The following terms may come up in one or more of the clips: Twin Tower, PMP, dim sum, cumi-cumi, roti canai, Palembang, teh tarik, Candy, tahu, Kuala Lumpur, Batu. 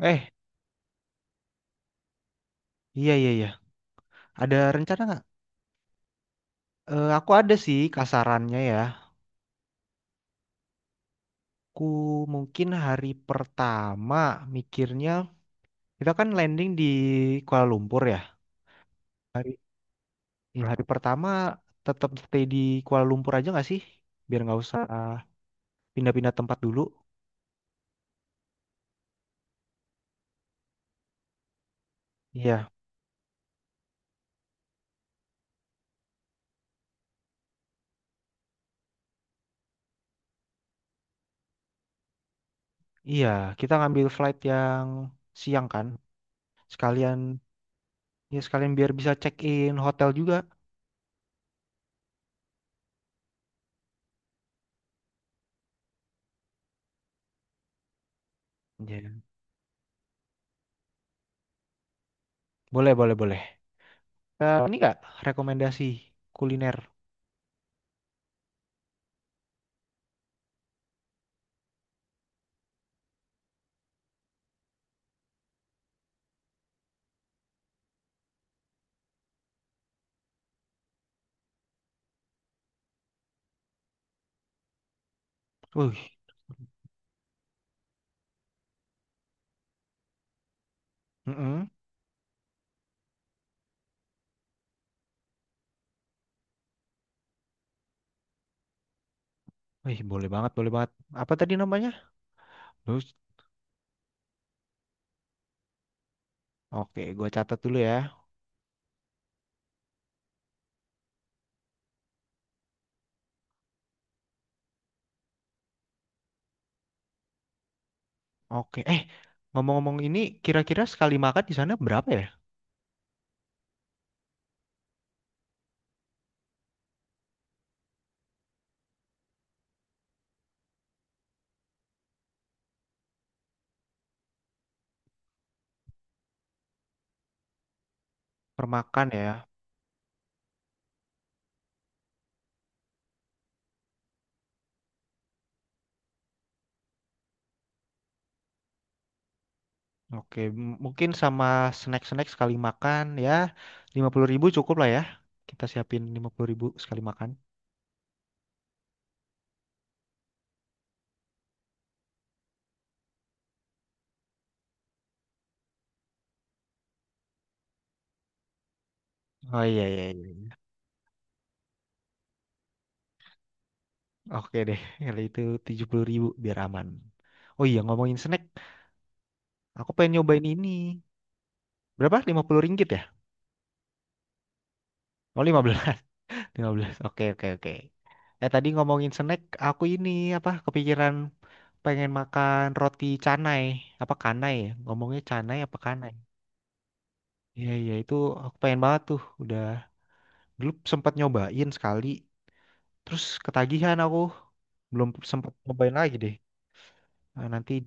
Eh, iya, iya, iya. Ada rencana nggak? Aku ada sih kasarannya ya. Aku mungkin hari pertama mikirnya kita kan landing di Kuala Lumpur ya. Hari Hari pertama tetap stay di Kuala Lumpur aja nggak sih? Biar nggak usah pindah-pindah tempat dulu. Iya, iya. Kita ngambil flight yang siang kan. Sekalian sekalian biar bisa check in hotel juga. Iya. Boleh, boleh, boleh. Eh, ini nggak rekomendasi kuliner? Wih. Mm-mm. Wih, boleh banget, boleh banget. Apa tadi namanya? Terus, oke, gue catat dulu ya. Oke, eh, ngomong-ngomong ini, kira-kira sekali makan di sana berapa ya? Permakan ya. Oke, mungkin sama snack-snack sekali makan ya, 50.000 cukup lah ya. Kita siapin 50.000 sekali makan. Oh iya, iya, iya. Oke deh, kalau itu 70.000 biar aman. Oh iya, ngomongin snack, aku pengen nyobain ini. Berapa? 50 ringgit ya? Oh, 15. Lima belas. Oke, oke, oke. Eh, tadi ngomongin snack, aku ini apa kepikiran pengen makan roti canai. Apa kanai ya? Ngomongnya canai apa kanai? Iya, iya, itu aku pengen banget tuh. Udah dulu sempat nyobain sekali, terus ketagihan aku. Belum sempat nyobain lagi deh. Nah, nanti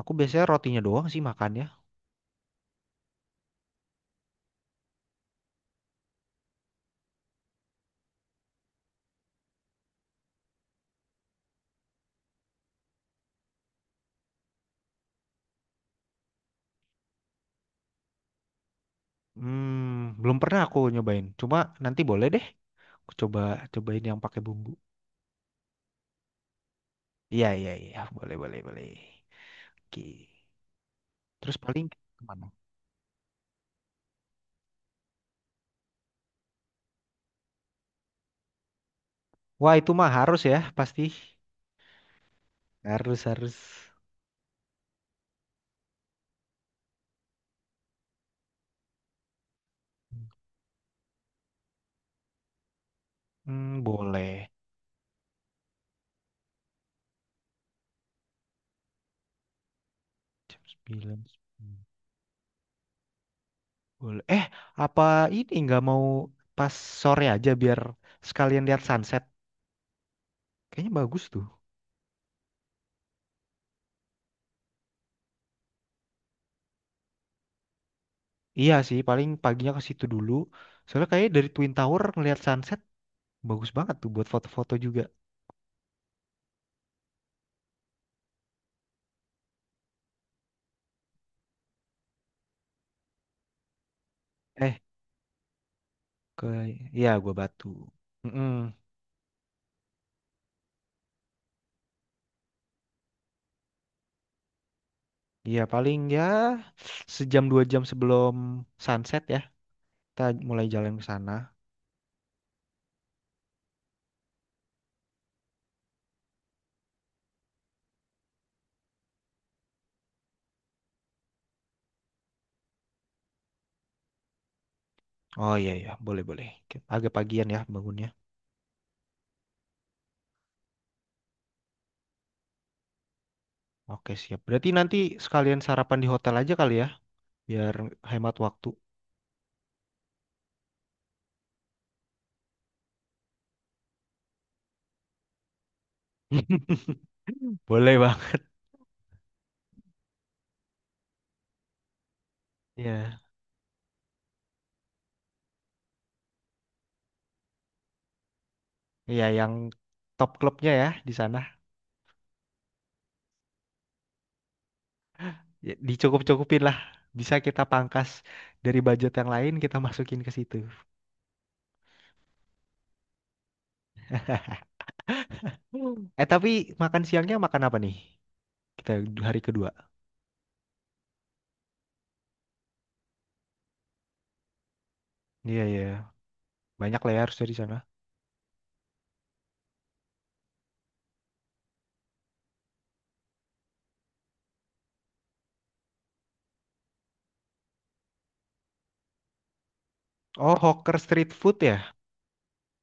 aku biasanya rotinya doang sih makannya. Hmm, belum pernah aku nyobain. Cuma nanti boleh deh. Aku coba cobain yang pakai bumbu. Iya, iya, iya, boleh, boleh, boleh. Oke. Terus paling kemana? Wah, itu mah harus ya pasti. Harus, harus. Hmm, boleh. Jam 9. hmm, Boleh. Eh, apa ini nggak mau pas sore aja biar sekalian lihat sunset. Kayaknya bagus tuh. Iya sih paling paginya ke situ dulu. Soalnya kayaknya dari Twin Tower ngelihat sunset bagus banget tuh buat foto-foto juga. Eh ke Iya, Gua Batu. Mm-mm. Iya paling ya sejam 2 jam sebelum sunset ya kita mulai jalan ke sana. Oh iya ya, boleh, boleh. Agak pagian ya bangunnya. Oke siap. Berarti nanti sekalian sarapan di hotel aja kali ya, biar hemat waktu. Boleh bang. Iya, iya yang top klubnya ya di sana. Ya, dicukup-cukupin lah. Bisa kita pangkas dari budget yang lain kita masukin ke situ. Hmm. Eh, tapi makan siangnya makan apa nih? Kita hari kedua. Iya, iya, banyak lah ya harusnya di sana. Oh, hawker street food ya,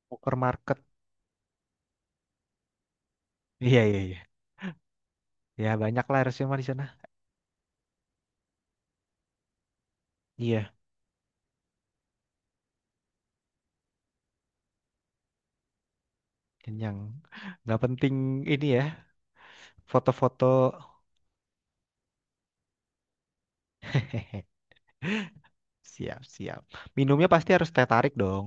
hawker market. Iya, iya, iya. Ya banyak lah harusnya mah di sana. Iya. Kenyang. Nggak penting ini ya, foto-foto. Siap, siap. Minumnya pasti harus teh tarik dong.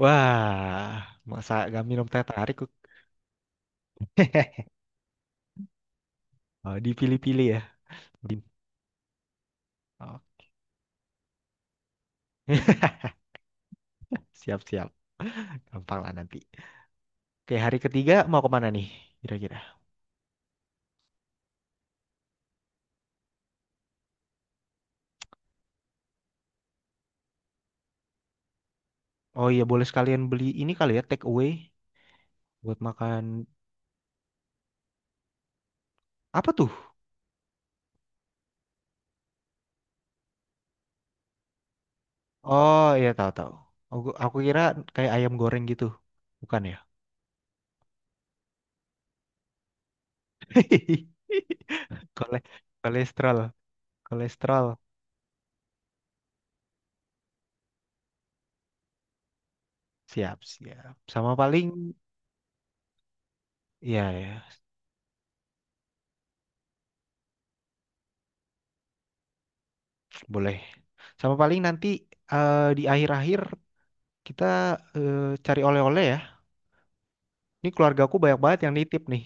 Wah, masa nggak minum teh tarik? Kuk? Oh, dipilih-pilih ya. Dim. Oh. Siap-siap. Gampang lah nanti. Oke, hari ketiga mau kemana nih? Kira-kira. Oh iya, boleh sekalian beli ini kali ya, take away. Buat makan. Apa tuh? Oh iya, tahu-tahu. Aku kira kayak ayam goreng gitu. Bukan ya? Kole- Kolesterol. Kolesterol. Siap, siap. Sama paling ya, ya, boleh. Sama paling nanti, di akhir-akhir kita, cari oleh-oleh ya. Ini keluargaku banyak banget yang nitip nih.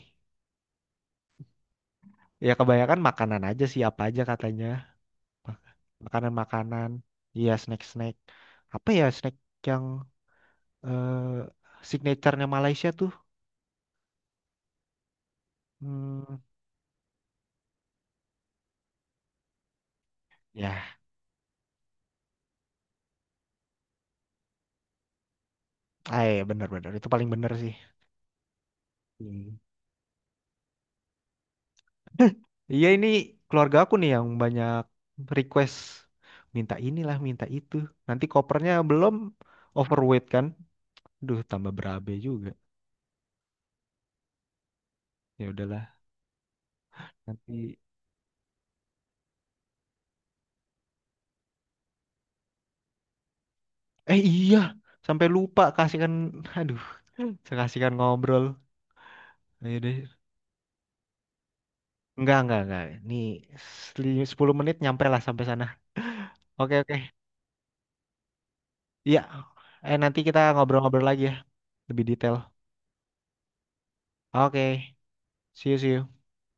Ya kebanyakan makanan aja sih apa aja katanya. Mak- Makanan-makanan. Iya, snack-snack. Apa ya snack yang eh signaturenya Malaysia tuh? Hmm, ya, ah, iya, bener-bener itu paling bener sih. Hmm. Iya ini keluarga aku nih yang banyak request minta inilah minta itu. Nanti kopernya belum overweight kan. Duh tambah berabe juga. Ya udahlah nanti. Iya, sampai lupa kasihkan. Aduh saya kasihkan ngobrol. Ayo deh. Enggak, enggak, enggak. Nih, 10 menit nyampe lah sampai sana. Oke, oke. Iya. Eh, nanti kita ngobrol-ngobrol lagi ya lebih detail. Oke. See you, see you.